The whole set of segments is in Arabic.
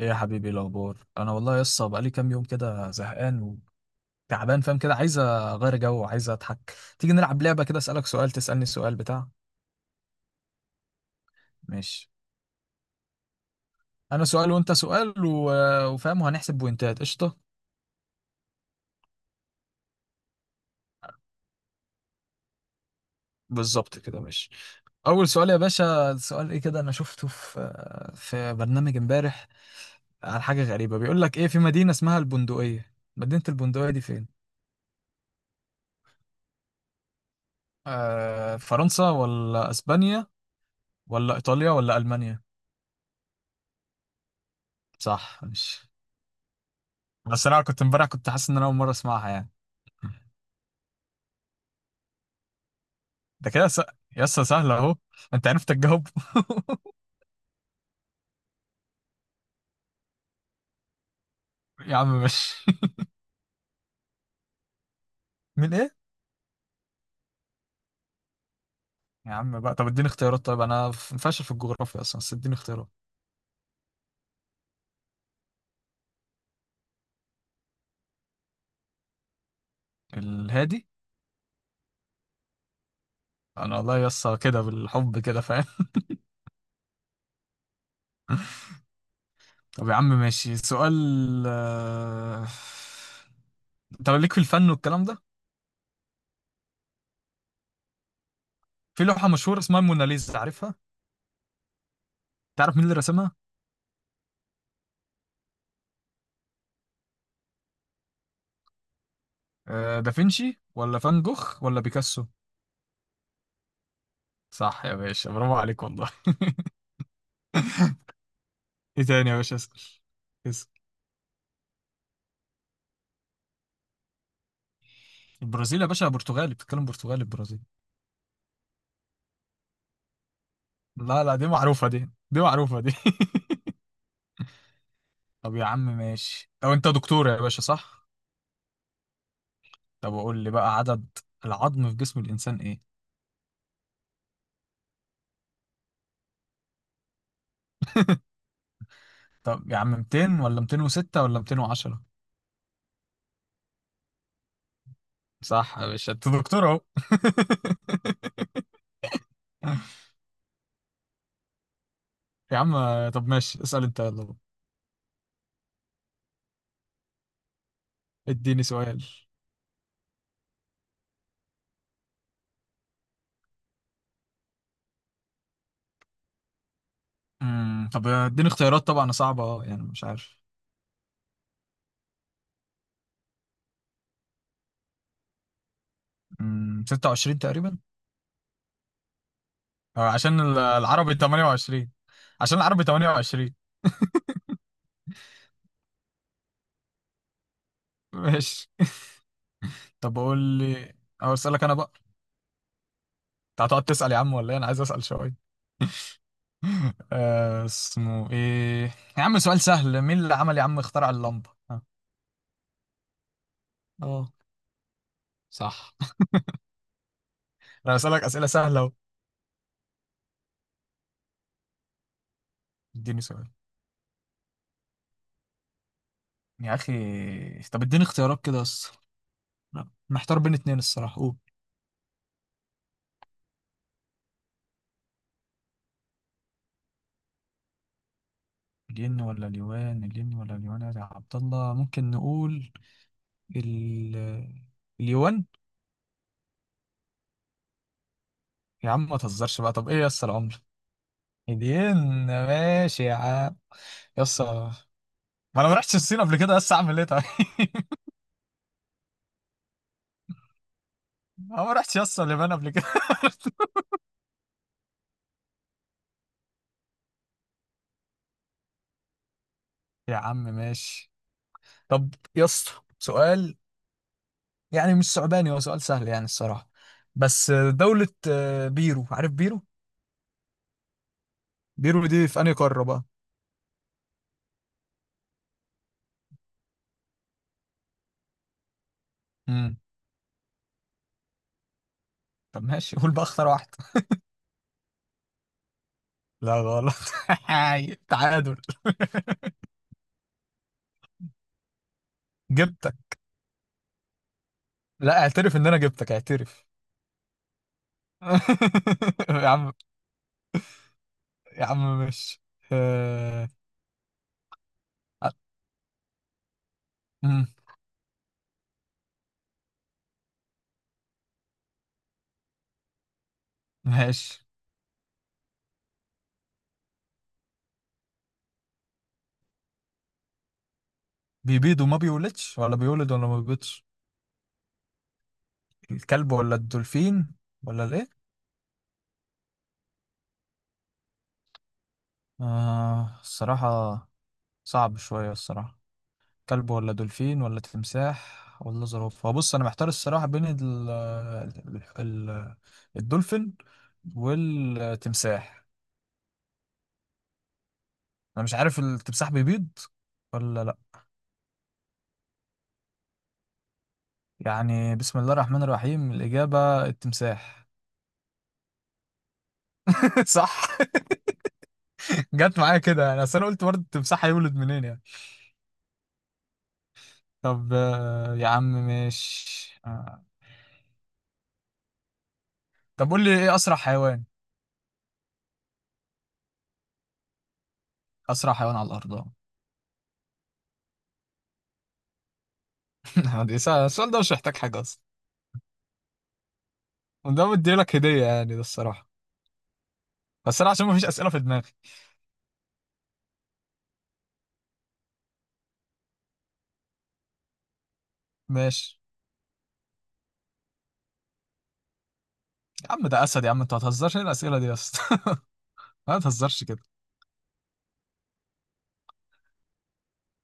ايه يا حبيبي؟ إيه الاخبار؟ انا والله لسه بقالي كام يوم كده زهقان وتعبان، فاهم؟ كده عايز اغير جو وعايز اضحك. تيجي نلعب لعبه كده، اسالك سؤال تسالني سؤال بتاع، ماشي؟ انا سؤال وانت سؤال وفاهم، وهنحسب بوينتات. قشطه، بالظبط كده ماشي. اول سؤال يا باشا، سؤال ايه كده؟ انا شفته في برنامج امبارح، عن حاجه غريبه بيقول لك ايه: في مدينه اسمها البندقيه، مدينه البندقيه دي فين؟ فرنسا ولا اسبانيا ولا ايطاليا ولا المانيا؟ صح، ماشي. بس انا كنت امبارح كنت حاسس ان انا اول مره اسمعها يعني. ده كده يسا سهله اهو، انت عرفت تجاوب. يا عم مش، من ايه؟ يا عم بقى طب اديني اختيارات. طيب انا فاشل في الجغرافيا اصلا، بس اديني اختيارات. الهادي. انا والله يسا كده بالحب كده، فاهم؟ طب يا عم ماشي سؤال. آه، طب ليك في الفن والكلام ده؟ في لوحة مشهورة اسمها الموناليزا، عارفها؟ تعرف مين اللي رسمها؟ دافنشي ولا فان جوخ ولا بيكاسو؟ صح يا باشا، برافو عليك والله. ايه تاني يا باشا؟ اسأل اسأل. البرازيل يا باشا برتغالي، بتتكلم برتغالي البرازيل. لا لا، دي معروفة، دي معروفة دي. طب يا عم ماشي. طب انت دكتور يا باشا، صح؟ طب قول لي بقى، عدد العظم في جسم الانسان ايه؟ طب يا عم، 200 ولا 206 ولا 210؟ صح يا باشا، انت دكتور اهو. يا عم، طب ماشي اسأل انت يلا بقى. اديني سؤال. طب اديني اختيارات، طبعا صعبة يعني مش عارف. 26 تقريبا. عشان العربي 28، عشان العربي 28. ماشي. طب قول لي، او اسالك انا بقى، انت هتقعد تسال يا عم ولا ايه؟ انا عايز اسال شويه. اسمه ايه؟ يا عم سؤال سهل، مين اللي عمل يا عم اخترع اللمبه، ها؟ اه، صح. انا بسالك اسئله سهله اهو. اديني سؤال يا اخي. طب اديني اختيارات كده بس. لا، محتار بين اتنين الصراحه، قول. الين ولا اليوان؟ الين ولا اليوان يا عبد الله؟ ممكن نقول ال... اليوان. يا عم ما تهزرش بقى، طب ايه يا اسطى العمر؟ هدين، ماشي يا عم. يا اسطى، ما انا ما رحتش الصين قبل كده، بس اعمل ايه طيب؟ انا ما رحتش يا اسطى اليابان قبل كده. يا عم ماشي. طب يا اسطى سؤال، يعني مش صعباني، هو سؤال سهل يعني الصراحة. بس دولة بيرو، عارف بيرو؟ بيرو دي في انهي قارة بقى؟ امم طب ماشي، قول بقى اختار واحدة. لا غلط. تعادل، جبتك. لا، اعترف ان انا جبتك، اعترف. يا عم، يا عم مش آه... آه، مم، ماشي. بيبيض وما بيولدش، ولا بيولد، ولا ما بيبيضش؟ الكلب ولا الدولفين ولا الايه؟ الصراحة صعب شوية، الصراحة. كلب ولا دولفين ولا تمساح ولا زرافة؟ بص أنا محتار الصراحة بين الدولفين والتمساح. أنا مش عارف التمساح بيبيض ولا لأ؟ يعني بسم الله الرحمن الرحيم، الإجابة التمساح. صح. جت معايا كده يعني، اصل انا قلت برضه التمساح هيولد منين يعني. طب يا عم ماشي طب قول لي، ايه اسرع حيوان؟ اسرع حيوان على الارض. دي السؤال ده مش محتاج حاجه اصلا، وده مديلك هديه يعني ده الصراحه، بس انا عشان مفيش اسئله في دماغي. ماشي. يا عم ده اسد، يا عم انت ما تهزرش، إيه الاسئله دي يا اسطى؟ ما تهزرش كده.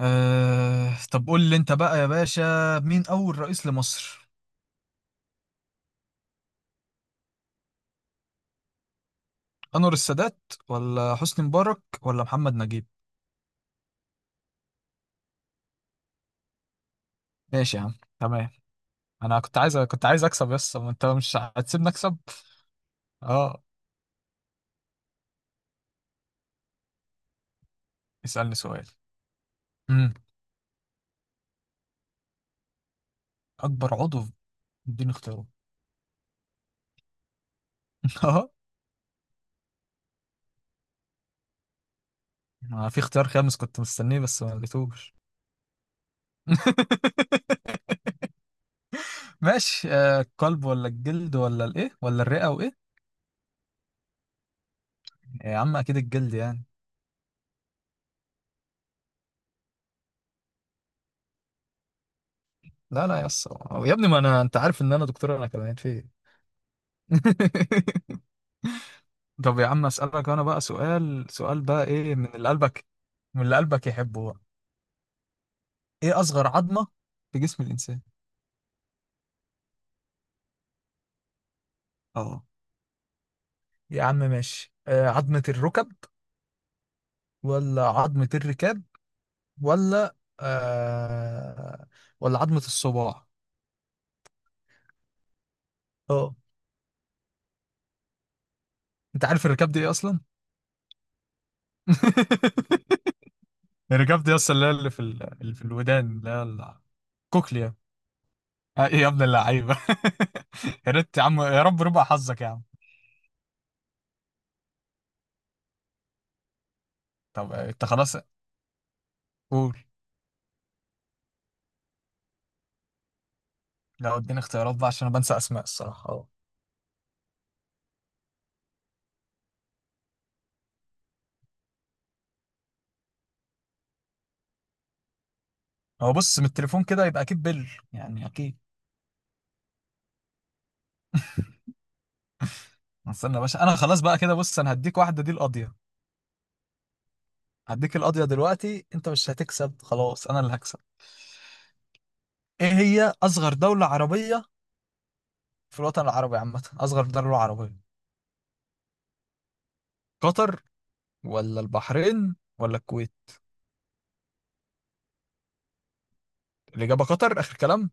طب قول لي انت بقى يا باشا، مين اول رئيس لمصر؟ انور السادات ولا حسني مبارك ولا محمد نجيب؟ ماشي يا عم، تمام. انا كنت عايز اكسب يس، ما انت مش هتسيبني اكسب. اه، اسالني سؤال. امم اكبر عضو اديني اختياره. اه، ما في اختيار خامس، كنت مستنيه بس ما لقيتوش. ماشي، القلب ولا الجلد ولا الايه ولا الرئه وايه؟ يا عم اكيد الجلد يعني. لا لا يس، يا ابني ما انا انت عارف ان انا دكتور انا كمان في إيه؟ طب يا عم اسالك انا بقى سؤال، سؤال بقى، ايه من اللي قلبك؟ من اللي قلبك يحبه بقى؟ ايه اصغر عظمه في جسم الانسان؟ اه. يا عم ماشي، عظمة الركب ولا عظمة الركاب ولا آه ولا عظمة الصباع؟ اه. انت عارف الركاب دي ايه اصلا؟ الركاب دي اصلا اللي هي، اللي في الودان، اللي هي الكوكليا. ايه يا ابن اللعيبة. يا ريت يا عم، يا رب ربع حظك يا عم. طب انت خلاص، قول. لو اديني اختيارات بقى، عشان انا بنسى اسماء الصراحة. اه هو بص، من التليفون كده يبقى اكيد بل، يعني اكيد. استنى يا باشا، انا خلاص بقى كده، بص انا هديك واحدة دي القاضية. هديك القضية دلوقتي، انت مش هتكسب خلاص، انا اللي هكسب. ايه هي اصغر دولة عربية في الوطن العربي عامة، اصغر دولة عربية؟ قطر ولا البحرين ولا الكويت؟ الإجابة قطر، آخر كلام.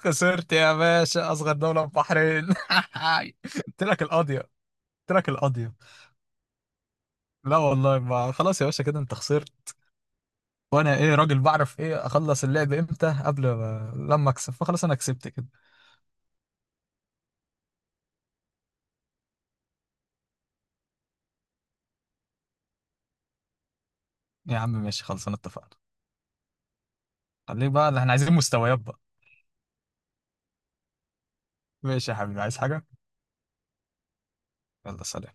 خسرت يا باشا، أصغر دولة البحرين. قلت لك القاضية، قلت لك القاضية. لا والله، ما خلاص يا باشا كده، أنت خسرت. وأنا إيه، راجل بعرف إيه أخلص اللعب إمتى، قبل ما لما أكسب فخلاص، أنا كسبت كده. يا عم ماشي، خلاص أنا اتفقنا، خليه بقى اللي إحنا عايزين مستويات بقى. ماشي يا حبيبي، عايز حاجة؟ يلا سلام.